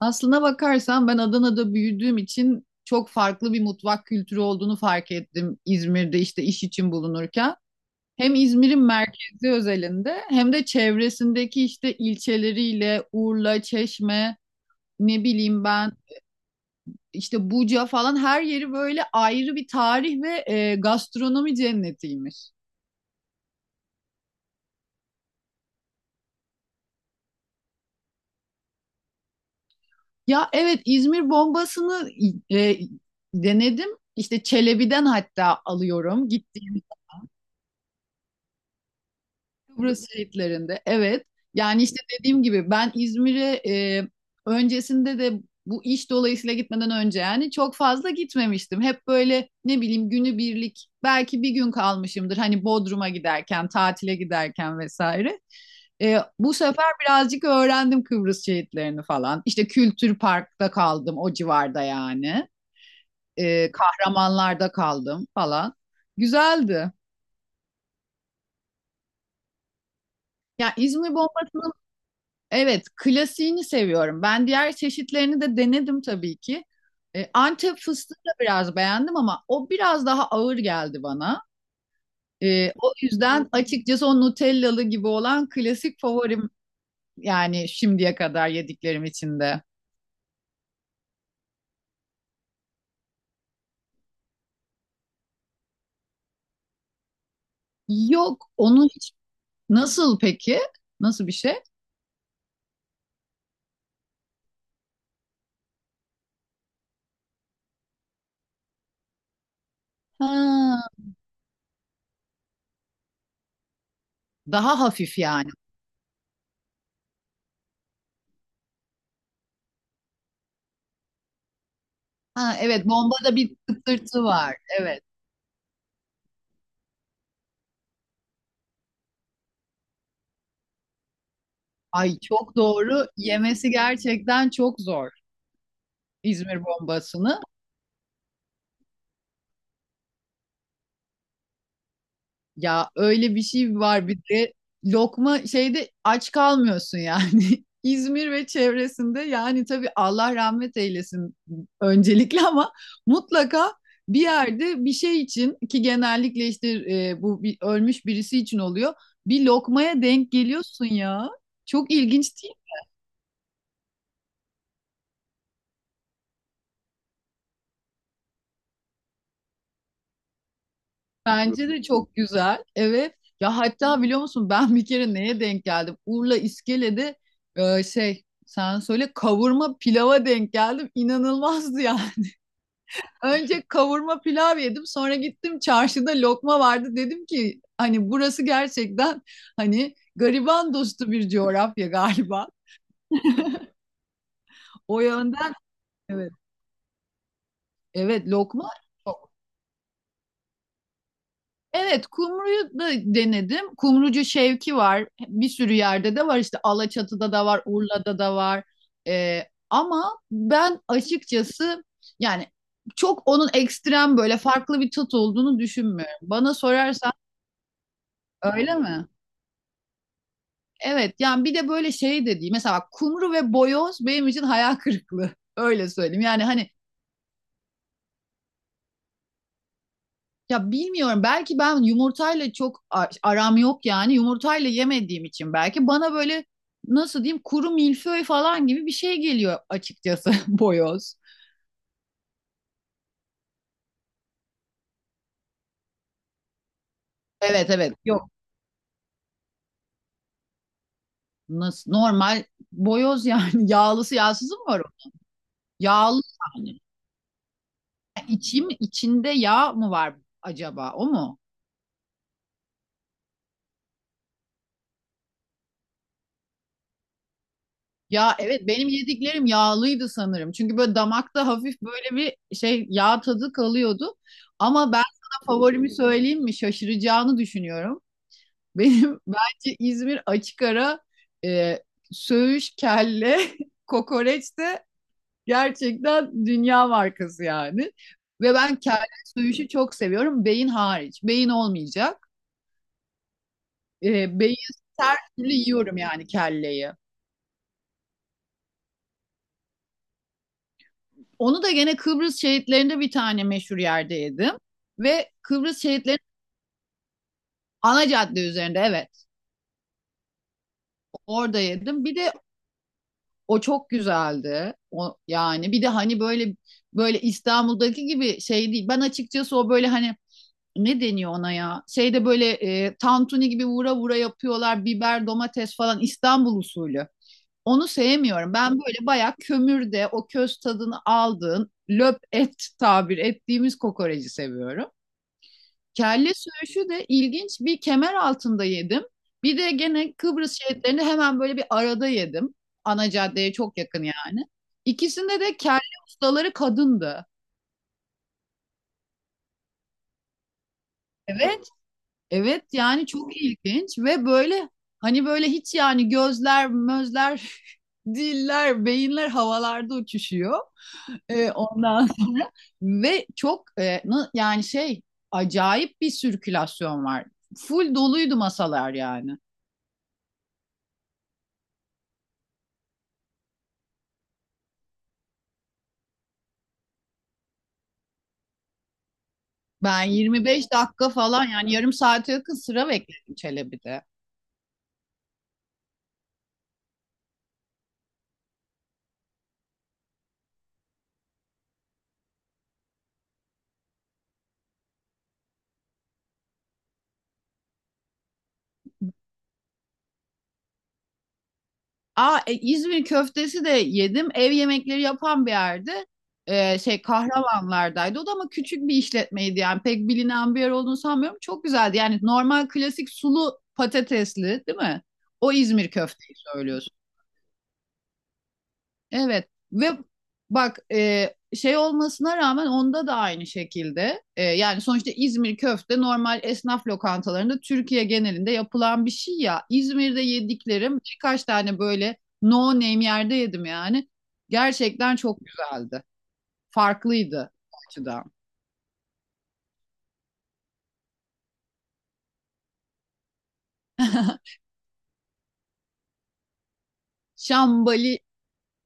Aslına bakarsan ben Adana'da büyüdüğüm için çok farklı bir mutfak kültürü olduğunu fark ettim İzmir'de işte iş için bulunurken. Hem İzmir'in merkezi özelinde hem de çevresindeki işte ilçeleriyle Urla, Çeşme, ne bileyim ben işte Buca falan her yeri böyle ayrı bir tarih ve gastronomi cennetiymiş. Ya evet İzmir bombasını e, denedim. İşte Çelebi'den hatta alıyorum. Gittiğim Kıbrıs şehitlerinde. Evet. Yani işte dediğim gibi ben İzmir'e öncesinde de bu iş dolayısıyla gitmeden önce yani çok fazla gitmemiştim. Hep böyle ne bileyim günübirlik belki bir gün kalmışımdır. Hani Bodrum'a giderken, tatile giderken vesaire. Bu sefer birazcık öğrendim Kıbrıs şehitlerini falan. İşte Kültür Park'ta kaldım o civarda yani. Kahramanlar'da kaldım falan. Güzeldi. Ya İzmir Bombasını. Evet, klasiğini seviyorum. Ben diğer çeşitlerini de denedim tabii ki. Antep fıstığı da biraz beğendim ama o biraz daha ağır geldi bana. O yüzden açıkçası o Nutellalı gibi olan klasik favorim, yani şimdiye kadar yediklerim içinde. Yok, onu hiç nasıl peki? Nasıl bir şey? Ha, daha hafif yani. Ha, evet, bombada bir tıktırtı var. Evet. Ay çok doğru. Yemesi gerçekten çok zor İzmir bombasını. Ya öyle bir şey var bir de, lokma şeyde aç kalmıyorsun yani. İzmir ve çevresinde yani tabii Allah rahmet eylesin öncelikle ama mutlaka bir yerde bir şey için ki genellikle işte bu bir, ölmüş birisi için oluyor. Bir lokmaya denk geliyorsun ya. Çok ilginç değil. Bence de çok güzel. Evet. Ya hatta biliyor musun, ben bir kere neye denk geldim? Urla İskele'de şey sen söyle, kavurma pilava denk geldim. İnanılmazdı yani. Önce kavurma pilav yedim. Sonra gittim çarşıda lokma vardı. Dedim ki hani burası gerçekten hani gariban dostu bir coğrafya galiba. O yönden evet. Evet lokma. Evet, kumruyu da denedim. Kumrucu Şevki var. Bir sürü yerde de var. İşte Alaçatı'da da var, Urla'da da var. Ee, ama ben açıkçası yani çok onun ekstrem böyle farklı bir tat olduğunu düşünmüyorum. Bana sorarsan öyle mi? Evet, yani bir de böyle şey de değil. Mesela bak, kumru ve boyoz benim için hayal kırıklığı. Öyle söyleyeyim. Yani hani. Ya bilmiyorum, belki ben yumurtayla çok aram yok yani, yumurtayla yemediğim için belki bana böyle nasıl diyeyim, kuru milföy falan gibi bir şey geliyor açıkçası boyoz. Evet evet yok, nasıl normal boyoz yani. Yağlısı yağsızı mı var o? Yağlı yani. İçim içinde yağ mı var acaba, o mu? Ya evet, benim yediklerim yağlıydı sanırım. Çünkü böyle damakta hafif böyle bir şey yağ tadı kalıyordu. Ama ben sana favorimi söyleyeyim mi? Şaşıracağını düşünüyorum. Benim, bence İzmir açık ara e, söğüş, kelle, kokoreç de gerçekten dünya markası yani. Ve ben kelle söğüşü çok seviyorum. Beyin hariç. Beyin olmayacak. Beyin her türlü yiyorum yani kelleyi. Onu da gene Kıbrıs şehitlerinde bir tane meşhur yerde yedim. Ve Kıbrıs şehitlerinin ana cadde üzerinde, evet, orada yedim. Bir de o çok güzeldi. O yani, bir de hani böyle, böyle İstanbul'daki gibi şey değil. Ben açıkçası o böyle hani ne deniyor ona ya? Şeyde böyle tantuni gibi vura vura yapıyorlar. Biber, domates falan İstanbul usulü. Onu sevmiyorum. Ben böyle bayağı kömürde o köz tadını aldığın löp et tabir ettiğimiz kokoreci seviyorum. Kelle söğüşü de ilginç, bir kemer altında yedim. Bir de gene Kıbrıs şehitlerini hemen böyle bir arada yedim. Ana caddeye çok yakın yani. İkisinde de kelle ustaları kadındı. Evet. Evet yani çok ilginç ve böyle hani, böyle hiç yani gözler, mözler, diller, beyinler havalarda uçuşuyor. Ondan sonra, ve çok yani şey, acayip bir sirkülasyon var. Full doluydu masalar yani. Ben 25 dakika falan, yani yarım saate yakın sıra bekledim Çelebi'de. Aa İzmir köftesi de yedim. Ev yemekleri yapan bir yerde. Şey Kahramanlardaydı. O da ama küçük bir işletmeydi yani, pek bilinen bir yer olduğunu sanmıyorum. Çok güzeldi. Yani normal klasik sulu patatesli değil mi? O İzmir köfteyi söylüyorsun. Evet, ve bak şey olmasına rağmen onda da aynı şekilde, yani sonuçta İzmir köfte normal esnaf lokantalarında Türkiye genelinde yapılan bir şey ya. İzmir'de yediklerim birkaç tane böyle no name yerde yedim yani. Gerçekten çok güzeldi. Farklıydı bu açıdan. Şambali.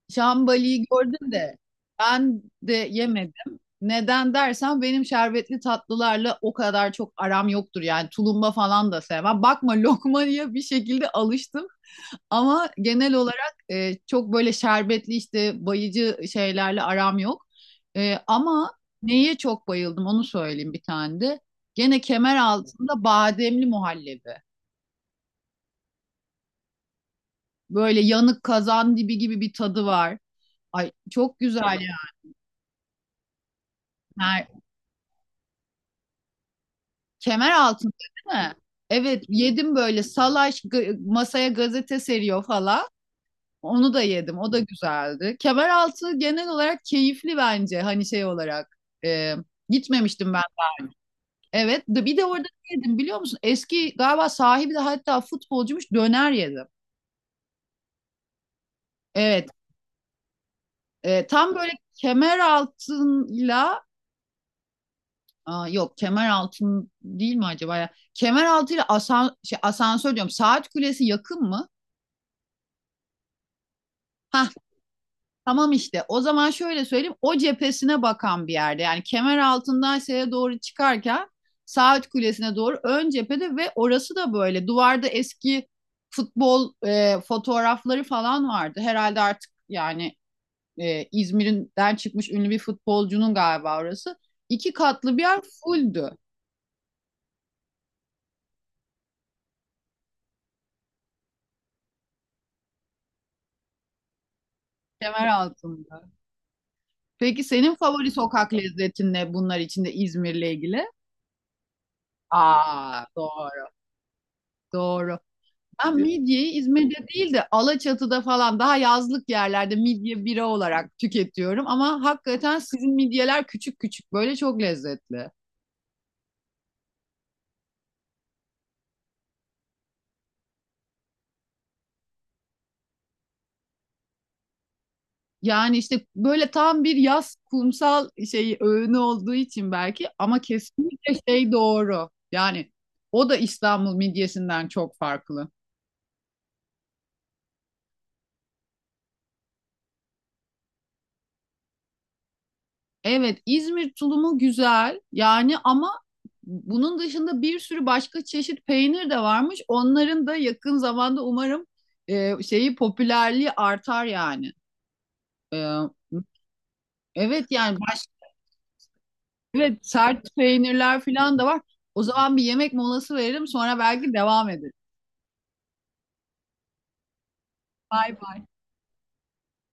Şambali'yi gördüm de ben de yemedim. Neden dersen, benim şerbetli tatlılarla o kadar çok aram yoktur. Yani tulumba falan da sevmem. Bakma lokmaya, bir şekilde alıştım. Ama genel olarak çok böyle şerbetli işte bayıcı şeylerle aram yok. Ama neye çok bayıldım onu söyleyeyim bir tane de. Gene kemer altında bademli muhallebi. Böyle yanık kazan dibi gibi bir tadı var. Ay çok güzel yani. Kemer altında değil mi? Evet, yedim böyle salaş, masaya gazete seriyor falan. Onu da yedim. O da güzeldi. Kemer altı genel olarak keyifli bence. Hani şey olarak e, gitmemiştim ben. Evet. Bir de orada ne yedim biliyor musun? Eski galiba sahibi de hatta futbolcuymuş, döner yedim. Evet. Tam böyle kemer altıyla. Aa, yok kemer altın değil mi acaba ya? Kemer altıyla asan, şey, asansör diyorum. Saat kulesi yakın mı? Tamam, işte o zaman şöyle söyleyeyim, o cephesine bakan bir yerde yani, kemer altından şeye doğru çıkarken Saat Kulesi'ne doğru ön cephede, ve orası da böyle duvarda eski futbol fotoğrafları falan vardı. Herhalde artık yani İzmir'den çıkmış ünlü bir futbolcunun galiba orası. İki katlı bir yer, fulldü kemer altında. Peki senin favori sokak lezzetin ne bunlar içinde İzmir'le ilgili? Aa doğru doğru. Ben midyeyi İzmir'de değil de Alaçatı'da falan, daha yazlık yerlerde midye bira olarak tüketiyorum. Ama hakikaten sizin midyeler küçük küçük böyle çok lezzetli. Yani işte böyle tam bir yaz kumsal şeyi öğünü olduğu için belki, ama kesinlikle şey doğru. Yani o da İstanbul midyesinden çok farklı. Evet, İzmir tulumu güzel yani, ama bunun dışında bir sürü başka çeşit peynir de varmış. Onların da yakın zamanda umarım şeyi popülerliği artar yani. E, evet yani evet sert peynirler falan da var. O zaman bir yemek molası verelim, sonra belki devam ederiz. Bay bay.